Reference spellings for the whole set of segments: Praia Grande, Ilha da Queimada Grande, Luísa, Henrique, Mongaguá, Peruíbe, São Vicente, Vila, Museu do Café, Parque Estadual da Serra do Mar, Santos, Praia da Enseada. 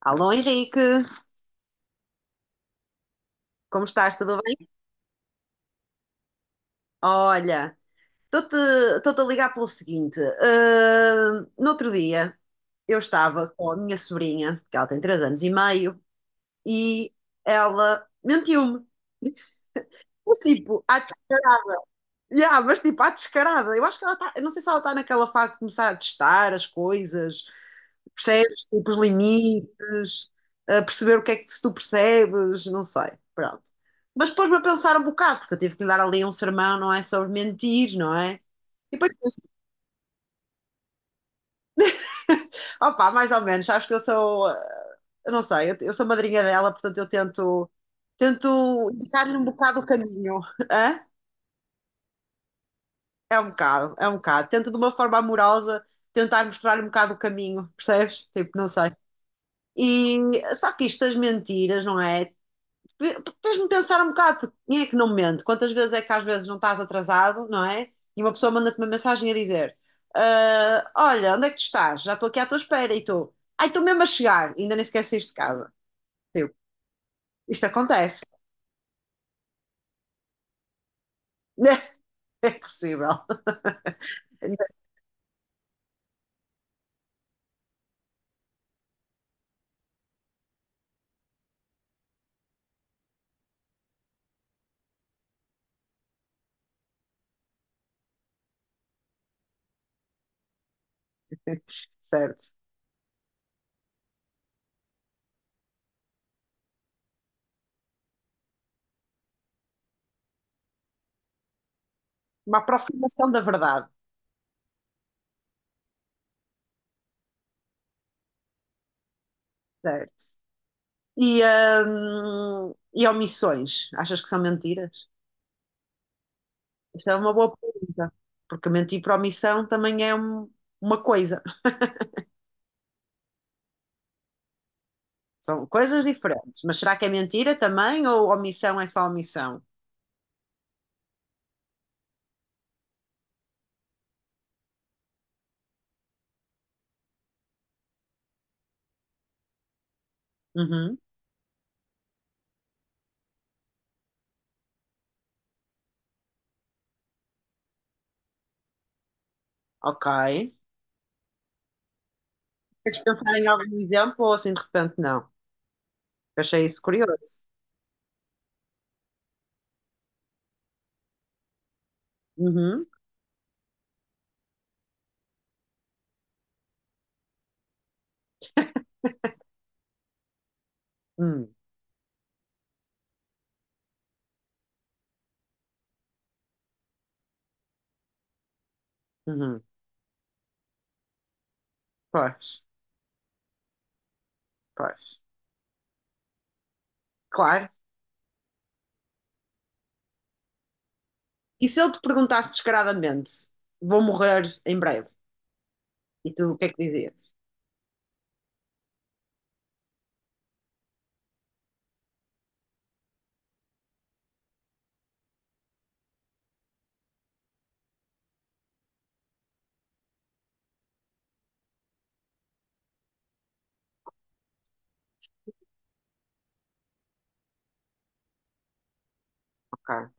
Alô Henrique, como estás? Tudo bem? Olha, estou-te estou-te a ligar pelo seguinte. No outro dia eu estava com a minha sobrinha, que ela tem 3 anos e meio, e ela mentiu-me. Mas tipo, à descarada. Yeah, mas tipo, à descarada. Eu acho que ela está. Eu não sei se ela está naquela fase de começar a testar as coisas. Percebes? Tipo, os limites, a perceber o que é que se tu percebes, não sei, pronto. Mas pôs-me a pensar um bocado, porque eu tive que lhe dar ali um sermão, não é? Sobre mentir, não é? E depois pensei, opá, mais ou menos, sabes que eu sou, eu não sei, eu sou madrinha dela, portanto eu tento, tento indicar-lhe um bocado o caminho, hã? É um bocado, é um bocado. Tento de uma forma amorosa tentar mostrar-lhe um bocado o caminho, percebes? Tipo, não sei. E só que isto das mentiras, não é? Fez-me pensar um bocado, porque quem é que não mente? Quantas vezes é que às vezes não estás atrasado, não é? E uma pessoa manda-te uma mensagem a dizer: "Ah, olha, onde é que tu estás? Já estou aqui à tua espera." E tu, ai, estou mesmo a chegar, e ainda nem sequer saíste de casa. Tipo, isto acontece. É possível. Certo. Uma aproximação da verdade. Certo. E, e omissões, achas que são mentiras? Isso é uma boa pergunta, porque mentir por omissão também é uma coisa. São coisas diferentes. Mas será que é mentira também ou omissão é só omissão? Uhum, ok. Queres pensar em algum exemplo ou assim de repente não? Eu achei isso curioso. Uhum, uhum, uhum. Pois, pois. Claro. E se eu te perguntasse descaradamente, vou morrer em breve, e tu o que é que dizias? Ok.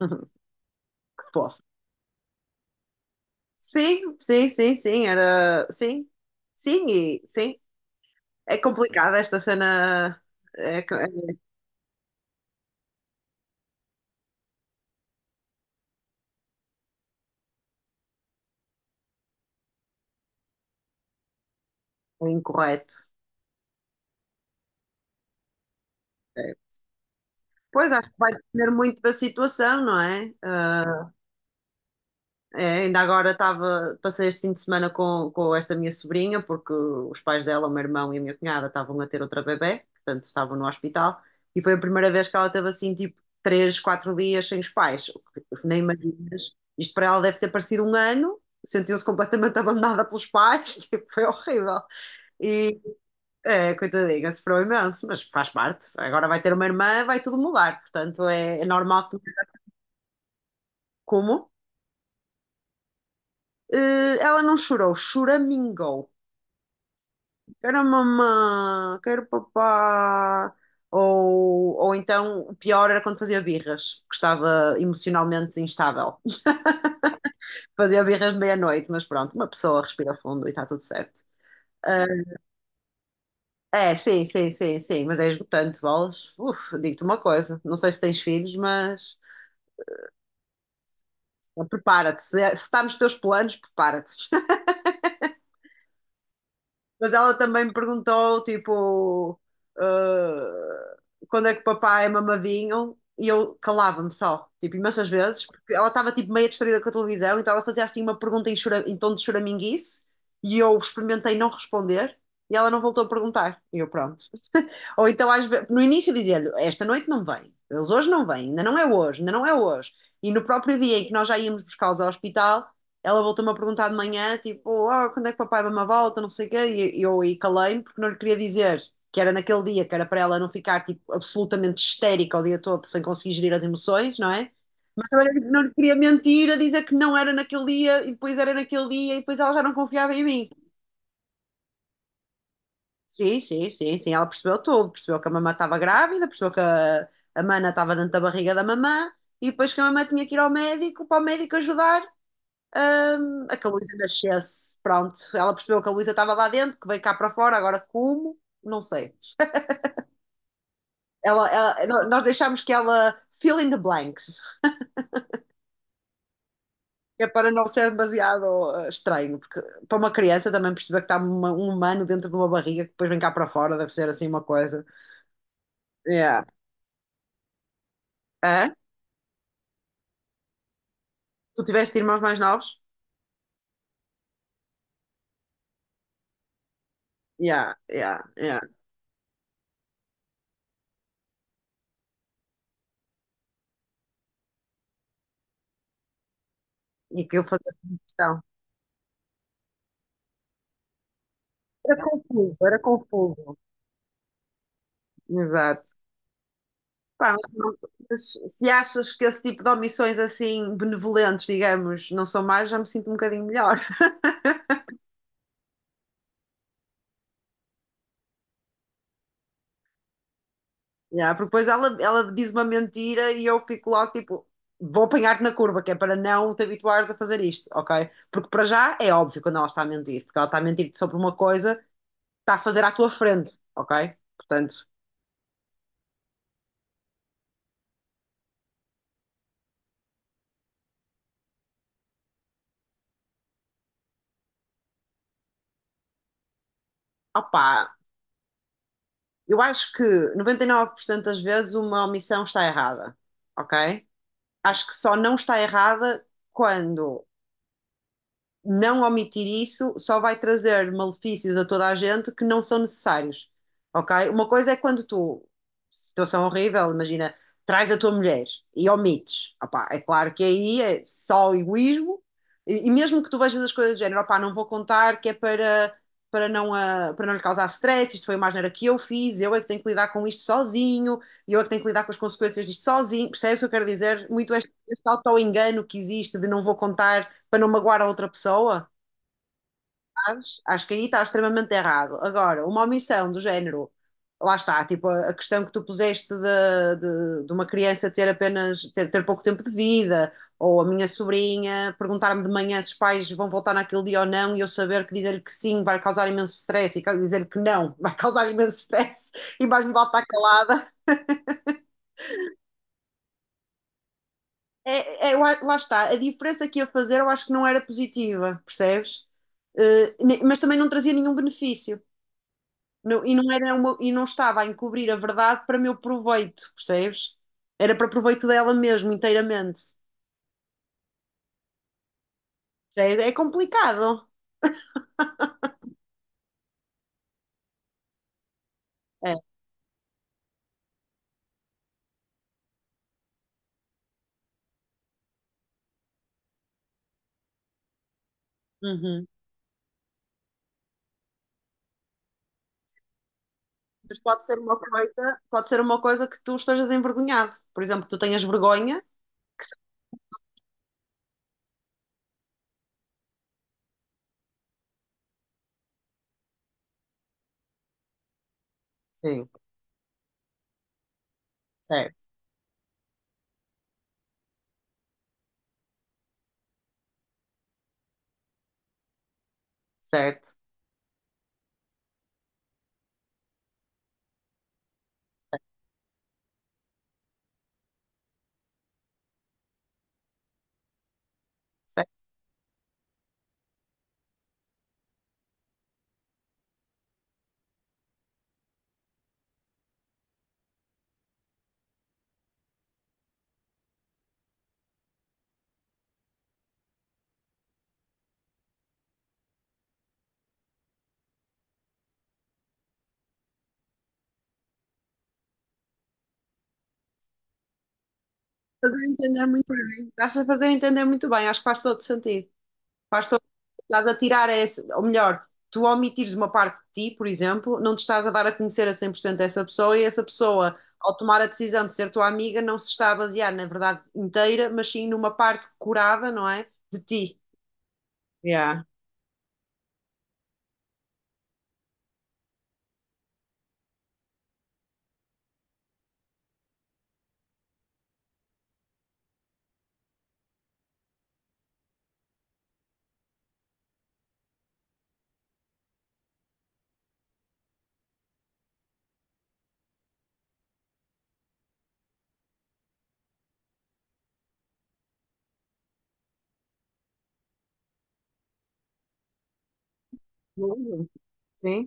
Que fofo. Sim, sim, sim, sim, era. Sim, sim, e sim. É complicado esta cena. É, é incorreto. É. Pois, acho que vai depender muito da situação, não é? Ah, é, ainda agora estava, passei este fim de semana com esta minha sobrinha, porque os pais dela, o meu irmão e a minha cunhada, estavam a ter outra bebé, portanto estavam no hospital, e foi a primeira vez que ela teve assim, tipo, três, quatro dias sem os pais, o que nem imaginas. Isto para ela deve ter parecido um ano, sentiu-se completamente abandonada pelos pais, tipo, foi horrível. E, é, coitadinha, sofreu imenso, mas faz parte. Agora vai ter uma irmã, vai tudo mudar, portanto é normal que... Como? Ela não chorou, choramingou. Quero mamã, quero papá. Ou então, o pior era quando fazia birras, porque estava emocionalmente instável. Fazia birras de meia-noite, mas pronto, uma pessoa respira fundo e está tudo certo. Ah, é, sim, sim, sim, sim, mas é esgotante, bolas. Uf, digo-te uma coisa, não sei se tens filhos, mas prepara-te. Se, é, se está nos teus planos, prepara-te. Mas ela também me perguntou, tipo, ah, quando é que o papai mamadinho? E eu calava-me só, tipo, imensas vezes, porque ela estava, tipo, meio distraída com a televisão, então ela fazia, assim, uma pergunta em, em tom de choraminguice, e eu experimentei não responder, e ela não voltou a perguntar. E eu, pronto. Ou então, no início, dizia-lhe: "Esta noite não vem, eles hoje não vêm, ainda não é hoje, ainda não é hoje." E no próprio dia em que nós já íamos buscá-los ao hospital, ela voltou-me a perguntar de manhã: Tipo, "Oh, quando é que papai vai uma volta? Não sei o quê." E eu aí calei-me porque não lhe queria dizer que era naquele dia, que era para ela não ficar tipo, absolutamente histérica o dia todo sem conseguir gerir as emoções, não é? Mas também não lhe queria mentir a dizer que não era naquele dia e depois era naquele dia e depois ela já não confiava em mim. Sim, sim, sim, sim. Ela percebeu tudo. Percebeu que a mamã estava grávida, percebeu que a mana estava dentro da barriga da mamã e depois que a mamã tinha que ir ao médico para o médico ajudar a que a Luísa nascesse. Pronto, ela percebeu que a Luísa estava lá dentro, que veio cá para fora, agora como? Não sei. Nós deixámos que ela fill in the blanks, que é para não ser demasiado estranho, porque para uma criança também perceber que está um humano dentro de uma barriga que depois vem cá para fora, deve ser assim uma coisa. Yeah. é Tu tiveste irmãos mais novos? Yeah, yeah, yeah. E que eu fazia questão. Era confuso, era confuso. Exato. Pá, mas, mas se achas que esse tipo de omissões assim benevolentes, digamos, não são mais, já me sinto um bocadinho melhor. Yeah, porque depois ela diz uma mentira e eu fico logo tipo, vou apanhar-te na curva, que é para não te habituares a fazer isto, ok? Porque para já é óbvio quando ela está a mentir, porque ela está a mentir-te sobre uma coisa, está a fazer à tua frente, ok? Portanto, opá, eu acho que 99% das vezes uma omissão está errada, ok? Acho que só não está errada quando não omitir isso só vai trazer malefícios a toda a gente que não são necessários, ok? Uma coisa é quando tu, situação horrível, imagina, traz a tua mulher e omites, opá, é claro que aí é só egoísmo, e mesmo que tu vejas as coisas do género, opá, não vou contar que é para, não, para não lhe causar stress, isto foi uma asneira que eu fiz, eu é que tenho que lidar com isto sozinho, e eu é que tenho que lidar com as consequências disto sozinho, percebes o que eu quero dizer? Muito este auto-engano que existe de não vou contar para não magoar a outra pessoa, sabes? Acho que aí está extremamente errado. Agora, uma omissão do género, lá está, tipo a questão que tu puseste de uma criança ter apenas ter pouco tempo de vida, ou a minha sobrinha perguntar-me de manhã se os pais vão voltar naquele dia ou não, e eu saber que dizer que sim vai causar imenso stress, e dizer que não vai causar imenso stress, e mais me vale estar calada. É, é. Lá está, a diferença que ia fazer eu acho que não era positiva, percebes? Mas também não trazia nenhum benefício. E, não era e não estava a encobrir a verdade para meu proveito, percebes? Era para proveito dela mesmo, inteiramente. É complicado. É. Uhum. Mas pode ser uma coisa, pode ser uma coisa que tu estejas envergonhado. Por exemplo, que tu tenhas vergonha. Que se- Sim, certo, certo, certo. Fazer entender muito bem. Estás a fazer entender muito bem, acho que faz todo sentido. Faz todo... Estás a tirar esse, ou melhor, tu omitires uma parte de ti, por exemplo, não te estás a dar a conhecer a 100% essa pessoa e essa pessoa, ao tomar a decisão de ser tua amiga, não se está a basear na verdade inteira, mas sim numa parte curada, não é? De ti. Yeah. Sim,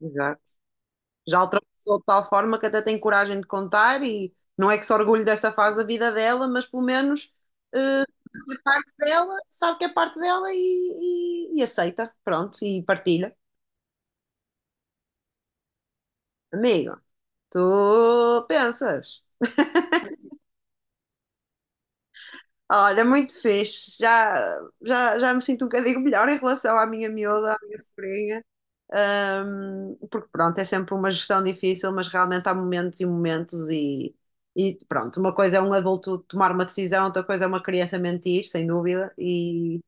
exato. Já ultrapassou de tal forma que até tem coragem de contar e não é que se orgulhe dessa fase da vida dela, mas pelo menos eh, dela, sabe que é parte dela e aceita, pronto, e partilha. Amigo, tu pensas? Olha, muito fixe. Já me sinto um bocadinho melhor em relação à minha miúda, à minha sobrinha. Porque pronto, é sempre uma gestão difícil, mas realmente há momentos e momentos e pronto, uma coisa é um adulto tomar uma decisão, outra coisa é uma criança mentir, sem dúvida, e,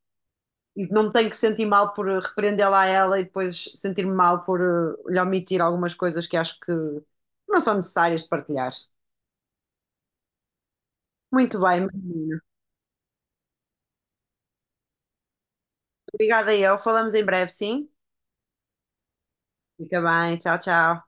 e não me tenho que sentir mal por repreendê-la a ela e depois sentir-me mal por lhe omitir algumas coisas que acho que não são necessárias de partilhar. Muito bem, menina. Obrigada, eu. Falamos em breve, sim? Fica bem. Tchau, tchau.